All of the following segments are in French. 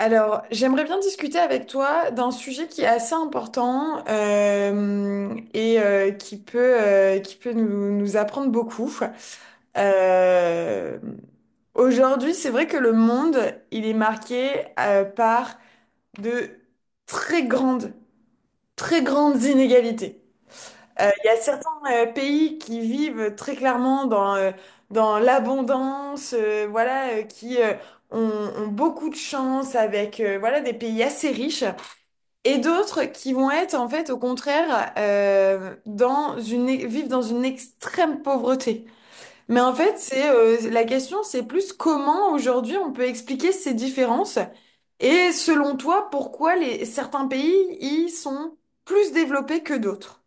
Alors, j'aimerais bien discuter avec toi d'un sujet qui est assez important qui peut nous apprendre beaucoup. Euh, Aujourd'hui, c'est vrai que le monde, il est marqué par de très grandes, très grandes inégalités. Il y a certains pays qui vivent très clairement dans l'abondance, qui ont, ont beaucoup de chance avec des pays assez riches, et d'autres qui vont être en fait au contraire vivent dans une extrême pauvreté. Mais en fait, c'est la question, c'est plus comment aujourd'hui on peut expliquer ces différences. Et selon toi, pourquoi certains pays y sont plus développés que d'autres?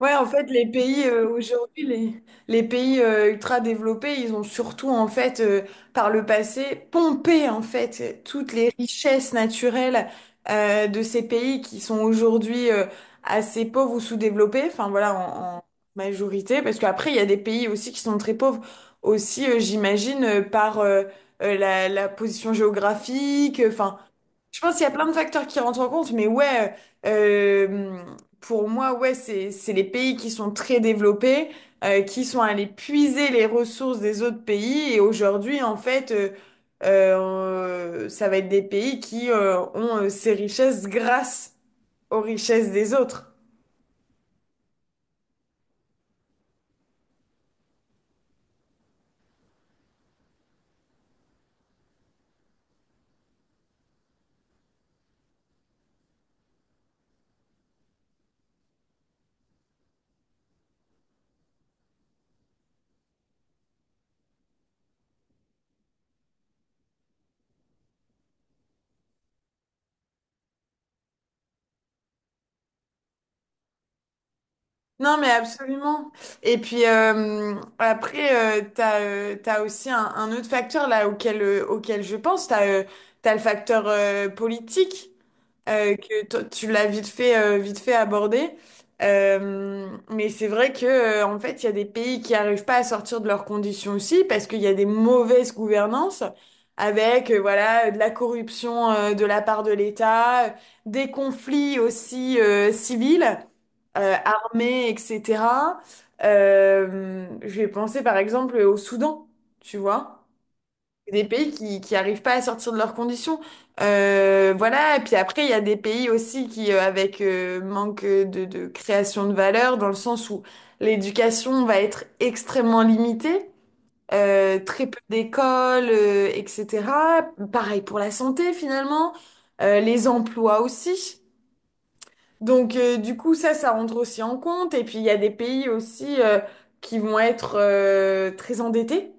Ouais, en fait, les pays ultra développés, ils ont surtout en fait, par le passé, pompé en fait toutes les richesses naturelles de ces pays qui sont aujourd'hui assez pauvres ou sous-développés. Enfin voilà, en majorité, parce qu'après il y a des pays aussi qui sont très pauvres aussi, j'imagine, par la position géographique. Enfin, je pense qu'il y a plein de facteurs qui rentrent en compte, mais ouais, euh, pour moi, ouais, c'est les pays qui sont très développés, qui sont allés puiser les ressources des autres pays. Et aujourd'hui, en fait, ça va être des pays qui ont ces richesses grâce aux richesses des autres. Non, mais absolument. Et puis après, t'as aussi un autre facteur là auquel je pense. T'as le facteur politique, que tu l'as vite fait aborder. Mais c'est vrai que, en fait, il y a des pays qui n'arrivent pas à sortir de leurs conditions aussi parce qu'il y a des mauvaises gouvernances avec, voilà, de la corruption, de la part de l'État, des conflits aussi, civils, armés, etc. Je vais penser par exemple au Soudan, tu vois, des pays qui arrivent pas à sortir de leurs conditions. Voilà, et puis après, il y a des pays aussi qui, avec manque de création de valeur, dans le sens où l'éducation va être extrêmement limitée, très peu d'écoles, etc. Pareil pour la santé, finalement. Les emplois aussi. Donc, du coup, ça rentre aussi en compte. Et puis, il y a des pays aussi qui vont être très endettés.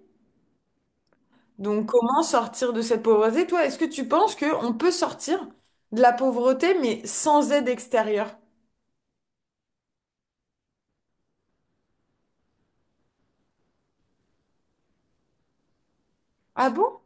Donc, comment sortir de cette pauvreté? Toi, est-ce que tu penses qu'on peut sortir de la pauvreté, mais sans aide extérieure? Ah bon?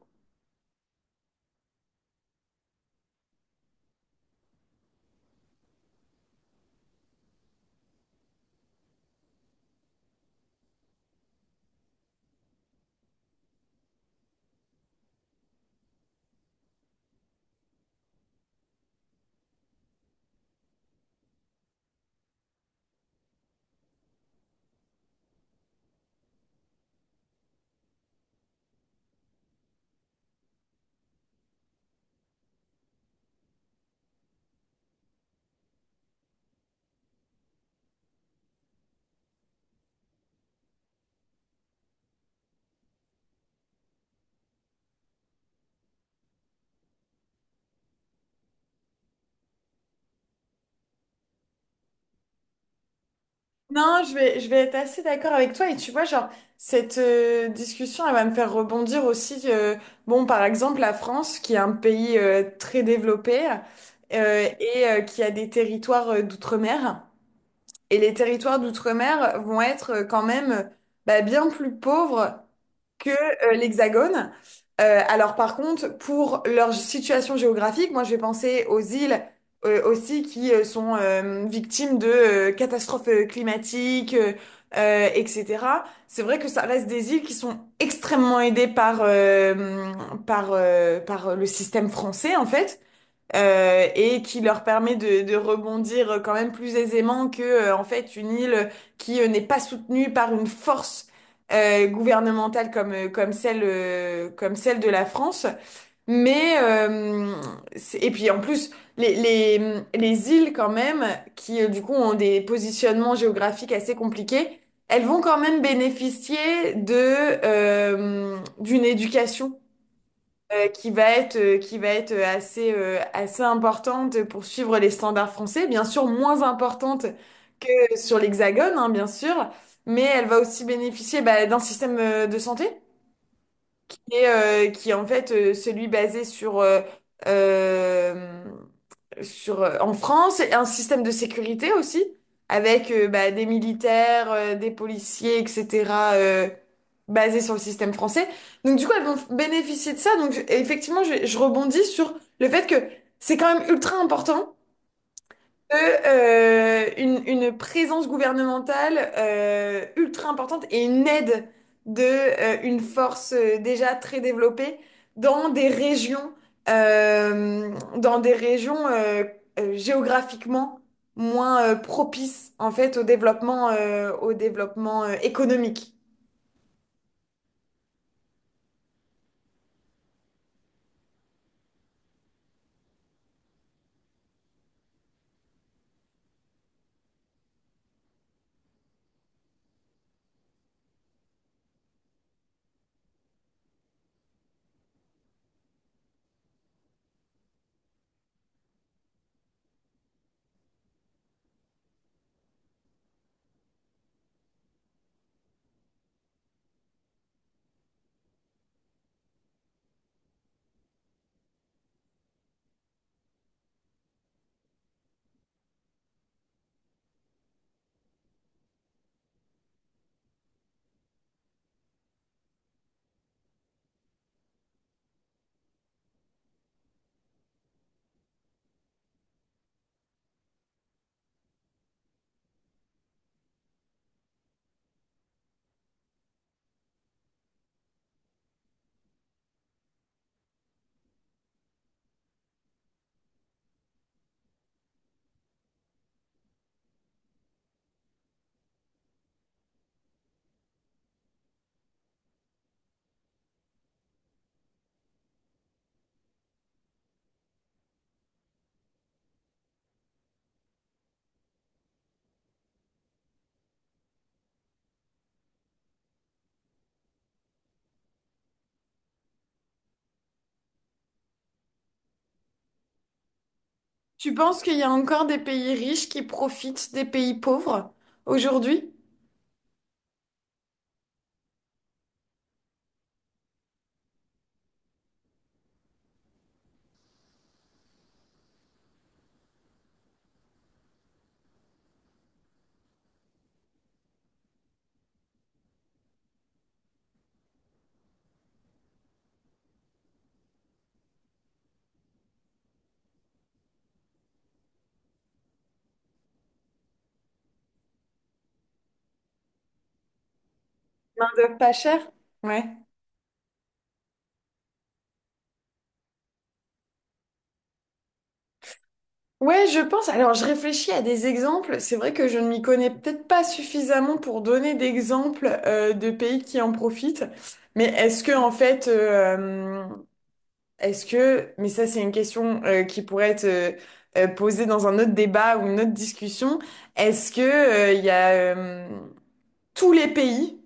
Non, je vais être assez d'accord avec toi. Et tu vois, genre, cette discussion, elle va me faire rebondir aussi. Bon, par exemple, la France, qui est un pays très développé qui a des territoires d'outre-mer. Et les territoires d'outre-mer vont être quand même, bah, bien plus pauvres que l'Hexagone. Alors par contre, pour leur situation géographique, moi je vais penser aux îles aussi qui sont victimes de catastrophes climatiques, etc. C'est vrai que ça reste des îles qui sont extrêmement aidées par le système français en fait, et qui leur permet de rebondir quand même plus aisément que en fait une île qui n'est pas soutenue par une force gouvernementale comme celle de la France. Mais et puis en plus les îles quand même qui du coup ont des positionnements géographiques assez compliqués. Elles vont quand même bénéficier de d'une éducation qui va être assez importante pour suivre les standards français, bien sûr moins importante que sur l'Hexagone, hein, bien sûr, mais elle va aussi bénéficier bah, d'un système de santé. Et qui est en fait celui basé euh, sur en France, et un système de sécurité aussi, avec bah, des militaires, des policiers, etc., euh, basé sur le système français. Donc du coup, elles vont bénéficier de ça. Donc effectivement, je rebondis sur le fait que c'est quand même ultra important de, une présence gouvernementale ultra importante et une aide de une force déjà très développée dans des régions, euh, dans des régions euh, géographiquement moins propices en fait au développement économique. Tu penses qu'il y a encore des pays riches qui profitent des pays pauvres aujourd'hui? Main-d'œuvre pas chère? Ouais. Ouais, je pense. Alors, je réfléchis à des exemples. C'est vrai que je ne m'y connais peut-être pas suffisamment pour donner d'exemples de pays qui en profitent. Mais est-ce que, en fait, est-ce que, mais ça, c'est une question qui pourrait être posée dans un autre débat ou une autre discussion. Est-ce que il y a tous les pays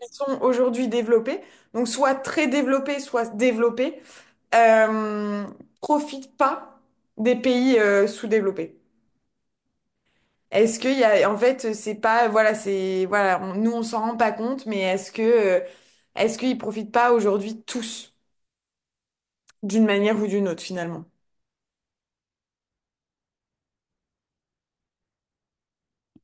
qui sont aujourd'hui développés, donc soit très développés, soit développés, euh, profitent pas des pays sous-développés? Est-ce qu'il y a, en fait, c'est pas, voilà, c'est, voilà, nous on s'en rend pas compte, mais est-ce que, est-ce qu'ils profitent pas aujourd'hui tous, d'une manière ou d'une autre finalement?